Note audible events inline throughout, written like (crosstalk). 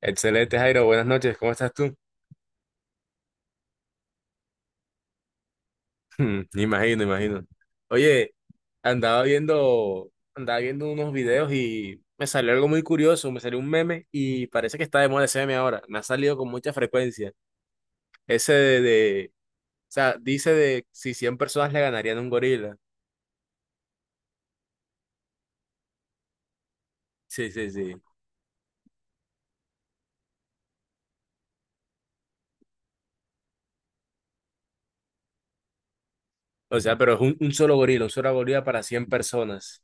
Excelente, Jairo. Buenas noches. ¿Cómo estás tú? (laughs) Imagino, imagino. Oye, andaba viendo unos videos y me salió algo muy curioso. Me salió un meme y parece que está de moda ese meme ahora. Me ha salido con mucha frecuencia. Ese de, de- o sea, dice de si 100 personas le ganarían a un gorila. Sí, sí, sí. O sea, pero es un solo gorila, un solo gorila para 100 personas.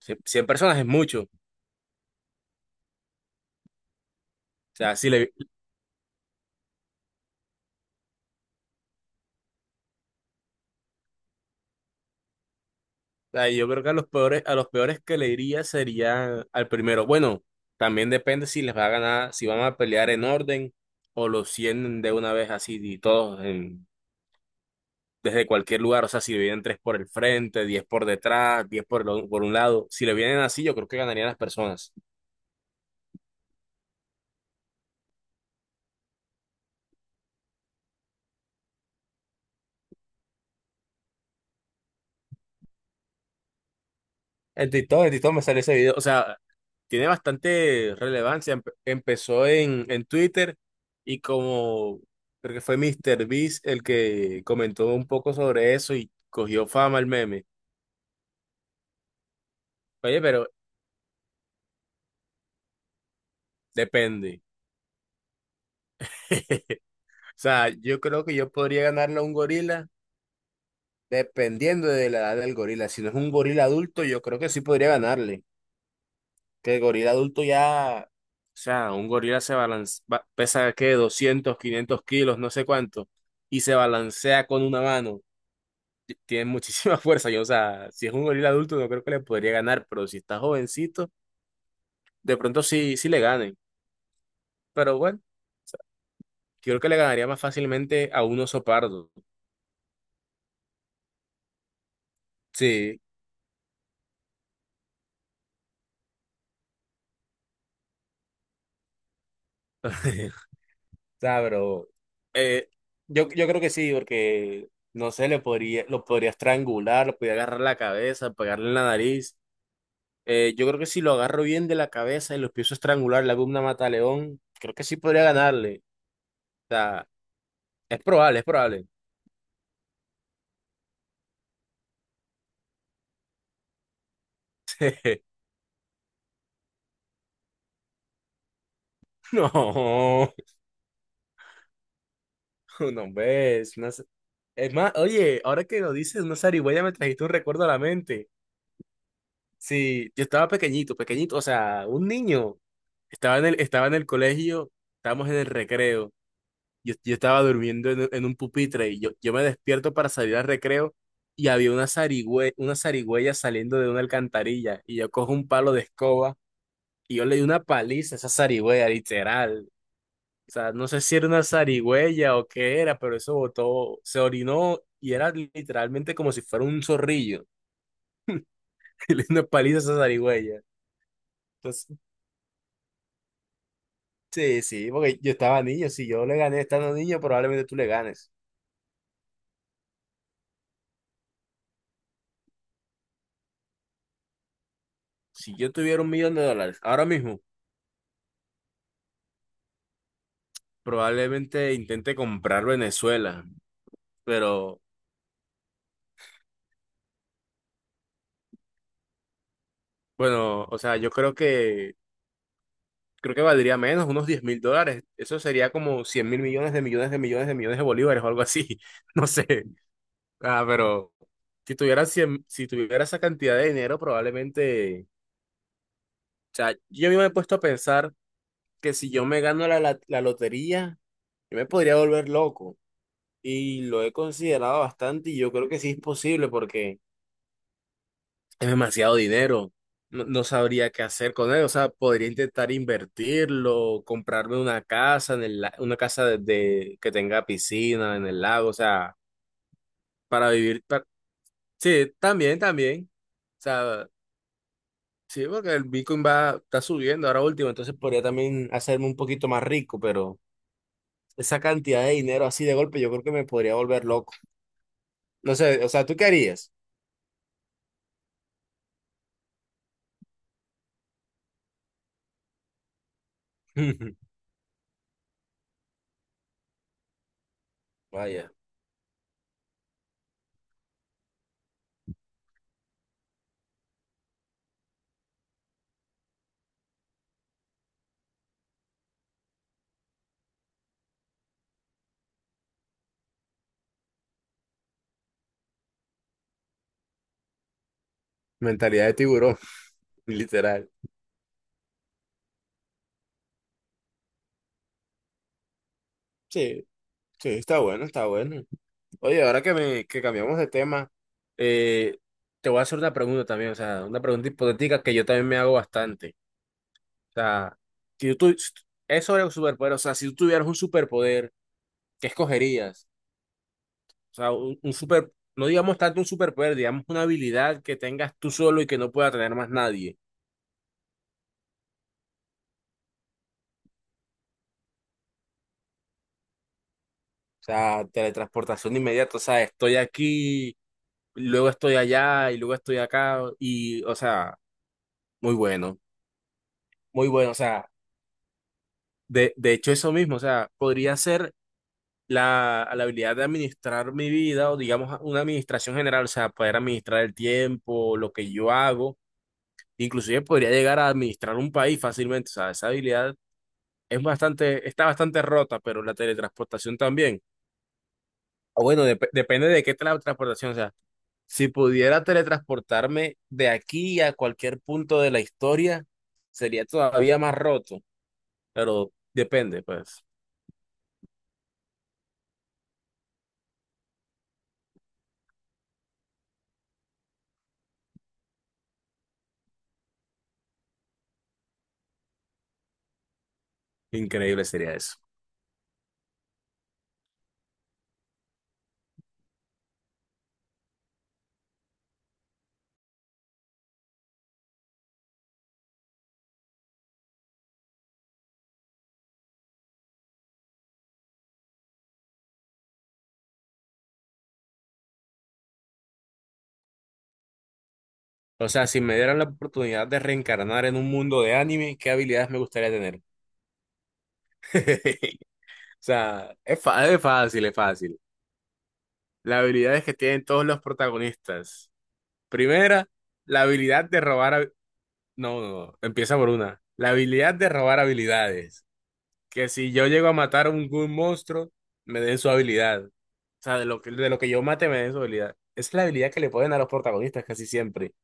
Cien- personas es mucho. O sea, si le, sea, Yo creo que a los peores que le iría sería al primero. Bueno, también depende si les va a ganar, si van a pelear en orden, o los 100 de una vez así y todos desde cualquier lugar. O sea, si le vienen tres por el frente, 10 por detrás, 10 por, el o- por un lado. Si le vienen así, yo creo que ganarían las personas. En TikTok me sale ese video. O sea, tiene bastante relevancia. Empezó en Twitter y como creo que fue Mr. Beast el que comentó un poco sobre eso y cogió fama el meme. Oye, pero depende. (laughs) O sea, yo creo que yo podría ganarle a un gorila dependiendo de la edad del gorila. Si no es un gorila adulto, yo creo que sí podría ganarle. Que el gorila adulto ya, o sea, un gorila se balancea, pesa que 200 500 kilos, no sé cuánto, y se balancea con una mano. Tiene muchísima (laughs) fuerza. Yo, o sea, si es un gorila adulto, no creo que le podría ganar, pero si está jovencito, de pronto sí, sí le gane. Pero bueno, yo creo que le ganaría más fácilmente a un oso pardo. Sí, (laughs) o sea, pero eh, yo creo que sí, porque no sé, le podría, lo podría estrangular, lo podría agarrar la cabeza, pegarle en la nariz. Yo creo que si lo agarro bien de la cabeza y lo empiezo a estrangular, la gumna mata a León, creo que sí podría ganarle. O sea, es probable, es probable. (laughs) No, no ves. Es más, oye, ahora que lo dices, una zarigüeya me trajiste un recuerdo a la mente. Sí, yo estaba pequeñito, pequeñito, o sea, un niño. Estaba en el colegio, estábamos en el recreo. Yo estaba durmiendo en un pupitre y yo me despierto para salir al recreo y había una zarigüeya saliendo de una alcantarilla y yo cojo un palo de escoba y yo le di una paliza a esa zarigüeya, literal. O sea, no sé si era una zarigüeya o qué era, pero eso botó, se orinó y era literalmente como si fuera un zorrillo. (laughs) Y le di una paliza a esa zarigüeya. Entonces, sí, sí, porque yo estaba niño. Si yo le gané estando niño, probablemente tú le ganes. Si yo tuviera $1 millón ahora mismo, probablemente intente comprar Venezuela, pero bueno, o sea, yo creo que valdría menos, unos $10.000. Eso sería como 100 mil millones de millones de millones de millones de bolívares o algo así. (laughs) No sé. Ah, pero si tuviera 100, si tuviera esa cantidad de dinero, probablemente, o sea, yo mismo me he puesto a pensar que si yo me gano la lotería, yo me podría volver loco. Y lo he considerado bastante y yo creo que sí es posible porque es demasiado dinero. No, no sabría qué hacer con él. O sea, podría intentar invertirlo, comprarme una casa una casa que tenga piscina en el lago. O sea, para vivir. Sí, también, también. O sea, sí, porque el Bitcoin va, está subiendo ahora último. Entonces podría también hacerme un poquito más rico, pero esa cantidad de dinero así de golpe, yo creo que me podría volver loco. No sé, o sea, ¿tú qué harías? (laughs) Vaya, mentalidad de tiburón, (laughs) literal. Sí, sí, está bueno, está bueno. Oye, ahora que, que cambiamos de tema, eh, te voy a hacer una pregunta también, o sea, una pregunta hipotética que yo también me hago bastante. O sea, si tú, tu- es sobre un superpoder, o sea, si tú tuvieras un superpoder, ¿qué escogerías? O sea, no digamos tanto un superpoder, digamos una habilidad que tengas tú solo y que no pueda tener más nadie. O sea, teletransportación inmediata, o sea, estoy aquí, luego estoy allá y luego estoy acá, y, o sea, muy bueno, muy bueno, o sea. De hecho, eso mismo, o sea, podría ser la habilidad de administrar mi vida o digamos una administración general, o sea, poder administrar el tiempo, lo que yo hago, inclusive podría llegar a administrar un país fácilmente, o sea, esa habilidad es bastante, está bastante rota, pero la teletransportación también. O bueno, depende de qué teletransportación, o sea, si pudiera teletransportarme de aquí a cualquier punto de la historia, sería todavía más roto, pero depende, pues, increíble sería eso. O sea, si me dieran la oportunidad de reencarnar en un mundo de anime, ¿qué habilidades me gustaría tener? (laughs) O sea, es fácil, es fácil. Las habilidades que tienen todos los protagonistas. Primera, la habilidad de robar No, no, no, empieza por una. La habilidad de robar habilidades. Que si yo llego a matar a algún monstruo, me den su habilidad. O sea, de lo que yo mate, me den su habilidad. Esa es la habilidad que le ponen a los protagonistas casi siempre.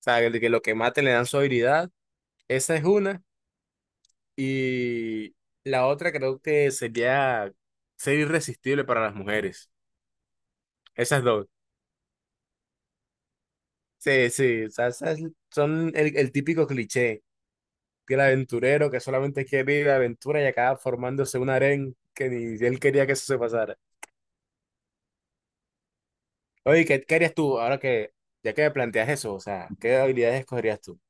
O sea, de que lo que mate le dan su habilidad. Esa es una. Y la otra creo que sería ser irresistible para las mujeres. Esas dos. Sí, sí, o sea, esas son el típico cliché del aventurero que solamente quiere ir de aventura y acaba formándose un harén que ni él quería que eso se pasara. Oye, ¿qué harías tú ahora que, ya que me planteas eso? O sea, ¿qué habilidades escogerías tú?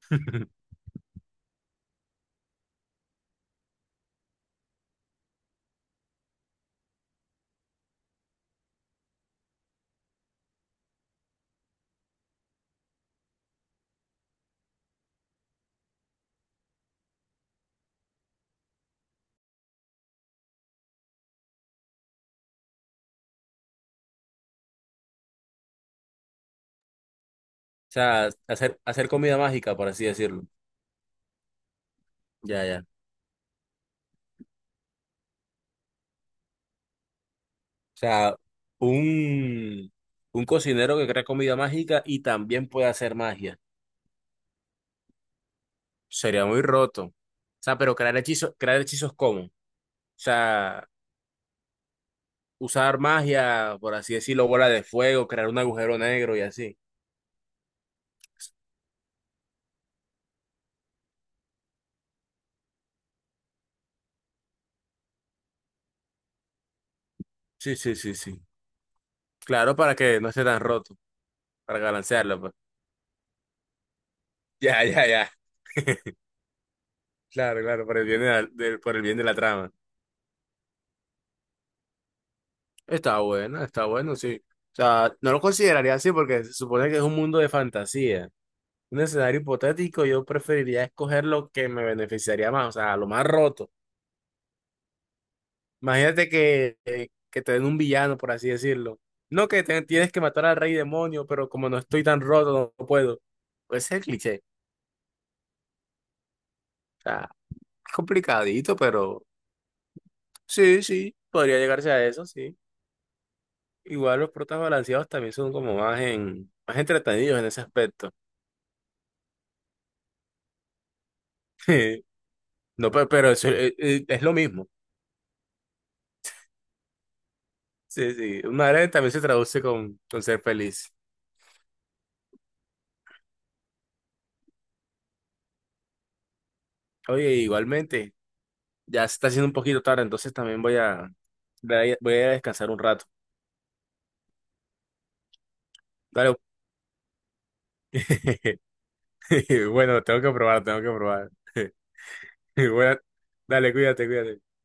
(laughs) O sea, hacer comida mágica, por así decirlo. Ya, ya. O sea, un, un cocinero que crea comida mágica y también puede hacer magia. Sería muy roto. O sea, pero crear hechizos ¿cómo? O sea, usar magia, por así decirlo, bola de fuego, crear un agujero negro y así. Sí, sí, sí, sí. Claro, para que no esté tan roto, para balancearlo, pues. (laughs) Ya, ya, ya. (laughs) Claro, claro, por el bien de la trama. Está bueno, sí. O sea, no lo consideraría así porque se supone que es un mundo de fantasía. Un escenario hipotético, yo preferiría escoger lo que me beneficiaría más, o sea, lo más roto. Imagínate que te den un villano, por así decirlo. No tienes que matar al rey demonio, pero como no estoy tan roto, no, no puedo. Puede ser cliché. O sea, es complicadito, pero sí, sí, podría llegarse a eso, sí. Igual los protas balanceados también son como más más entretenidos en ese aspecto. (laughs) No, pero, eso, es lo mismo. Sí, sí. Una alegre también se traduce con ser feliz. Oye, igualmente, ya se está haciendo un poquito tarde, entonces también voy a descansar un rato. Dale. (laughs) Bueno, tengo que probar, tengo que probar. (laughs) Bueno, dale, cuídate, cuídate.